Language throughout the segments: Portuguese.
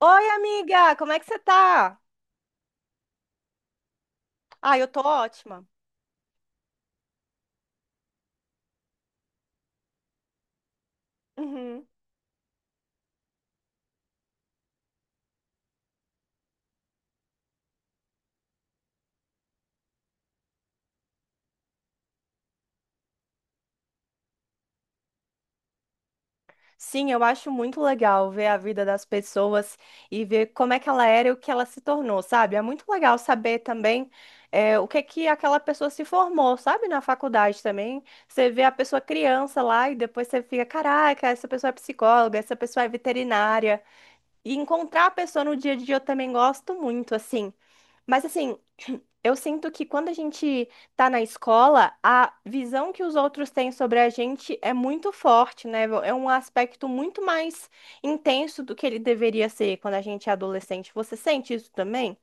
Oi, amiga, como é que você tá? Ah, eu tô ótima. Uhum. Sim, eu acho muito legal ver a vida das pessoas e ver como é que ela era e o que ela se tornou, sabe? É muito legal saber também o que que aquela pessoa se formou, sabe? Na faculdade também. Você vê a pessoa criança lá e depois você fica, caraca, essa pessoa é psicóloga, essa pessoa é veterinária. E encontrar a pessoa no dia a dia eu também gosto muito, assim. Mas assim, eu sinto que quando a gente tá na escola, a visão que os outros têm sobre a gente é muito forte, né? É um aspecto muito mais intenso do que ele deveria ser quando a gente é adolescente. Você sente isso também?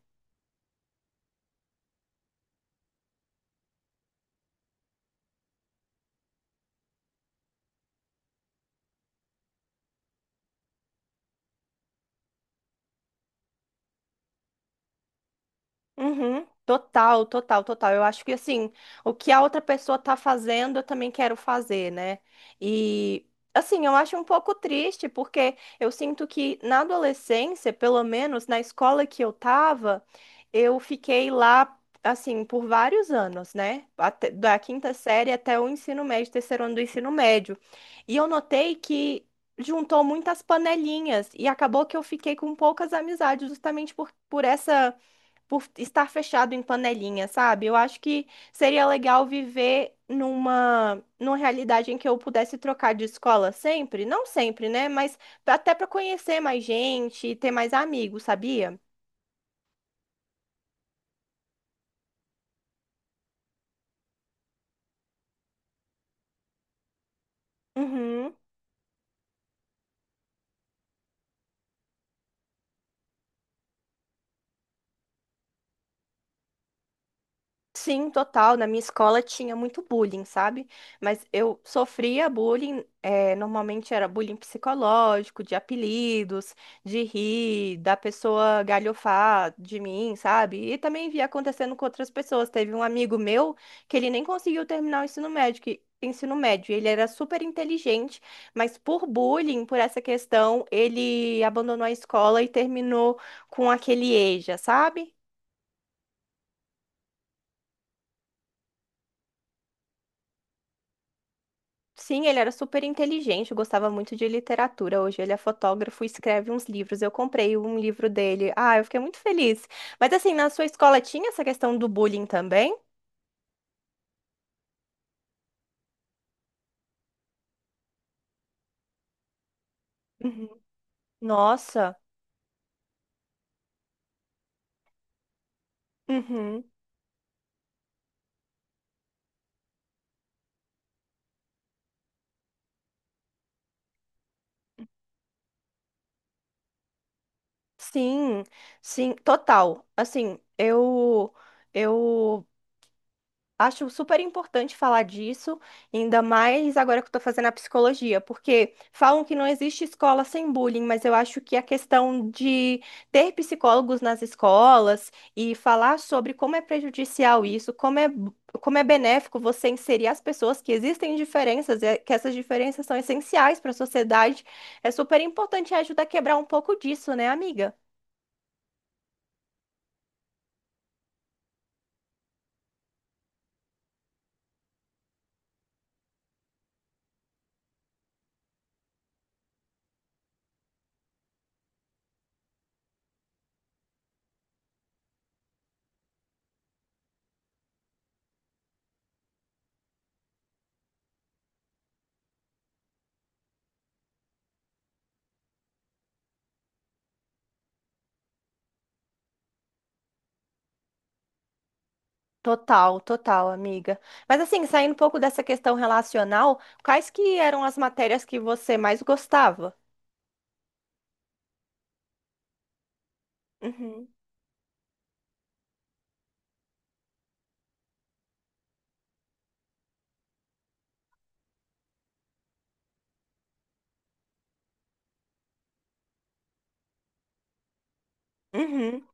Uhum. Total, total, total. Eu acho que assim, o que a outra pessoa tá fazendo, eu também quero fazer, né? E assim, eu acho um pouco triste, porque eu sinto que na adolescência, pelo menos na escola que eu tava, eu fiquei lá assim por vários anos, né? Até- da quinta série até o ensino médio, terceiro ano do ensino médio. E eu notei que juntou muitas panelinhas e acabou que eu fiquei com poucas amizades justamente por essa por estar fechado em panelinha, sabe? Eu acho que seria legal viver numa realidade em que eu pudesse trocar de escola sempre, não sempre, né? Mas até para conhecer mais gente e ter mais amigos, sabia? Uhum. Sim, total. Na minha escola tinha muito bullying, sabe? Mas eu sofria bullying, normalmente era bullying psicológico, de apelidos, de rir, da pessoa galhofar de mim, sabe? E também via acontecendo com outras pessoas. Teve um amigo meu que ele nem conseguiu terminar o ensino médio, ensino médio. Ele era super inteligente, mas por bullying, por essa questão, ele abandonou a escola e terminou com aquele EJA, sabe? Sim, ele era super inteligente, gostava muito de literatura. Hoje ele é fotógrafo e escreve uns livros. Eu comprei um livro dele. Ah, eu fiquei muito feliz. Mas assim, na sua escola tinha essa questão do bullying também? Uhum. Nossa. Uhum. Sim, sim, total. Assim, eu Acho super importante falar disso, ainda mais agora que eu estou fazendo a psicologia, porque falam que não existe escola sem bullying, mas eu acho que a questão de ter psicólogos nas escolas e falar sobre como é prejudicial isso, como é benéfico você inserir as pessoas, que existem diferenças, que essas diferenças são essenciais para a sociedade, é super importante e ajuda a quebrar um pouco disso, né, amiga? Total, total, amiga. Mas assim, saindo um pouco dessa questão relacional, quais que eram as matérias que você mais gostava? Uhum. Uhum.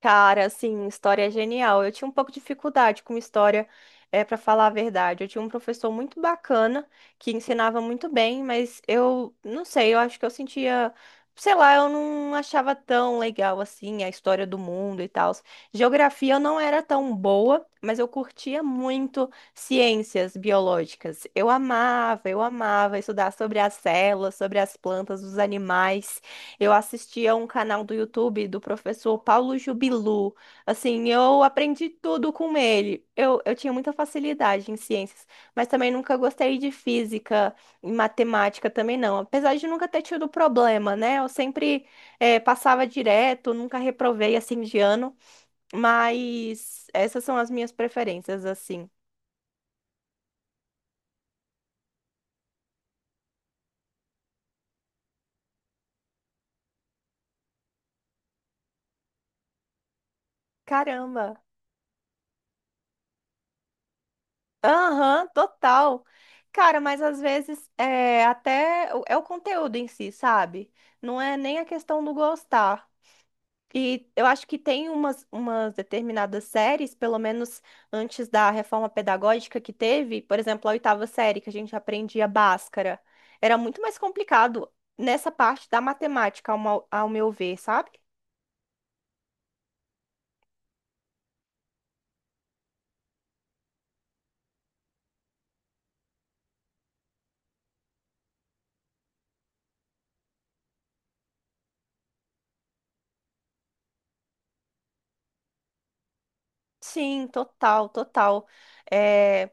Cara, assim, história é genial. Eu tinha um pouco de dificuldade com história, para falar a verdade. Eu tinha um professor muito bacana que ensinava muito bem, mas eu não sei, eu acho que eu sentia, sei lá, eu não achava tão legal assim a história do mundo e tal. Geografia eu não era tão boa, mas eu curtia muito ciências biológicas. Eu amava estudar sobre as células, sobre as plantas, os animais. Eu assistia um canal do YouTube do professor Paulo Jubilu. Assim, eu aprendi tudo com ele. Eu tinha muita facilidade em ciências, mas também nunca gostei de física e matemática também não. Apesar de nunca ter tido problema, né? Eu sempre passava direto, nunca reprovei assim de ano, mas essas são as minhas preferências, assim. Caramba! Aham, total. Cara, mas às vezes é é o conteúdo em si, sabe? Não é nem a questão do gostar. E eu acho que tem umas determinadas séries, pelo menos antes da reforma pedagógica que teve, por exemplo, a oitava série, que a gente aprendia Bhaskara. Era muito mais complicado nessa parte da matemática, ao meu ver, sabe? Sim, total, total. É,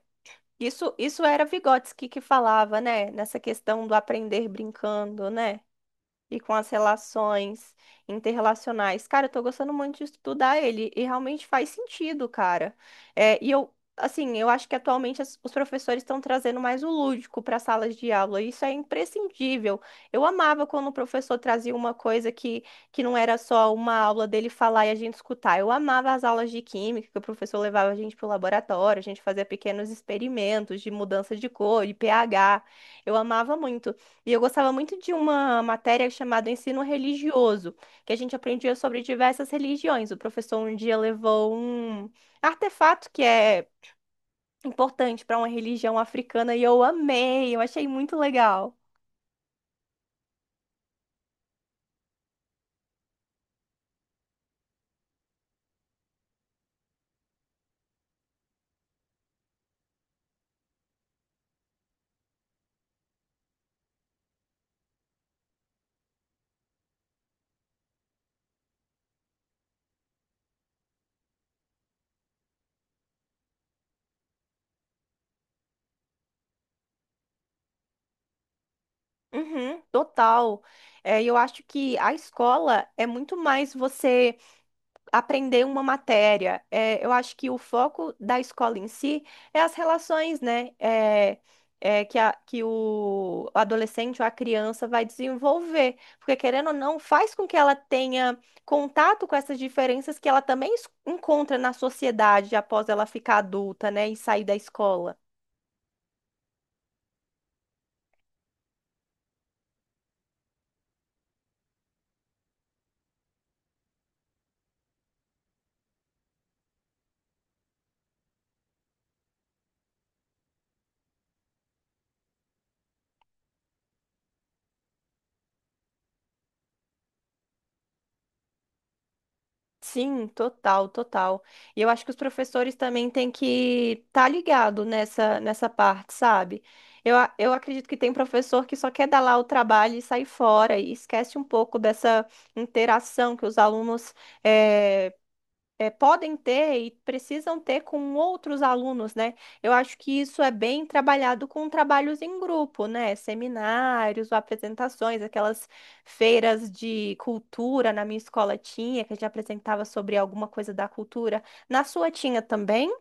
Isso era Vygotsky que falava, né? Nessa questão do aprender brincando, né? e com as relações interrelacionais. Cara, eu tô gostando muito de estudar ele e realmente faz sentido, cara. É, e eu, assim, eu acho que atualmente os professores estão trazendo mais o lúdico para salas de aula. E Isso é imprescindível. Eu amava quando o professor trazia uma coisa que não era só uma aula dele falar e a gente escutar. Eu amava as aulas de química, que o professor levava a gente para o laboratório, a gente fazia pequenos experimentos de mudança de cor, de pH. Eu amava muito. E eu gostava muito de uma matéria chamada Ensino Religioso, que a gente aprendia sobre diversas religiões. O professor um dia levou um artefato que é importante para uma religião africana e eu amei, eu achei muito legal. Uhum, total. É, e eu acho que a escola é muito mais você aprender uma matéria. É, eu acho que o foco da escola em si é as relações, né? Que o adolescente ou a criança vai desenvolver. Porque, querendo ou não, faz com que ela tenha contato com essas diferenças que ela também encontra na sociedade após ela ficar adulta, né? E sair da escola. Sim, total, total. E eu acho que os professores também têm que estar tá ligado nessa parte, sabe? Eu acredito que tem professor que só quer dar lá o trabalho e sair fora e esquece um pouco dessa interação que os alunos eh, podem ter e precisam ter com outros alunos, né? Eu acho que isso é bem trabalhado com trabalhos em grupo, né? Seminários, apresentações, aquelas feiras de cultura na minha escola tinha, que a gente apresentava sobre alguma coisa da cultura. Na sua tinha também?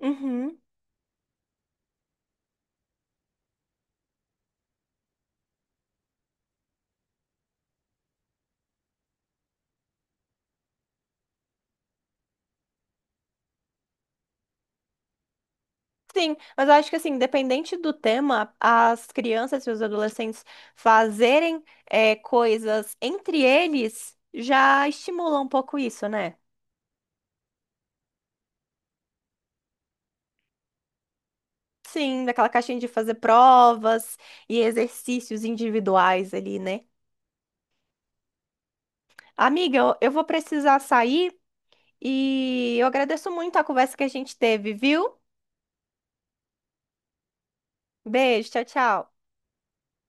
Uhum. Sim, mas eu acho que assim, independente do tema, as crianças e os adolescentes fazerem coisas entre eles já estimula um pouco isso, né? Sim, daquela caixinha de fazer provas e exercícios individuais ali, né? Amiga, eu vou precisar sair e eu agradeço muito a conversa que a gente teve, viu? Beijo, tchau, tchau.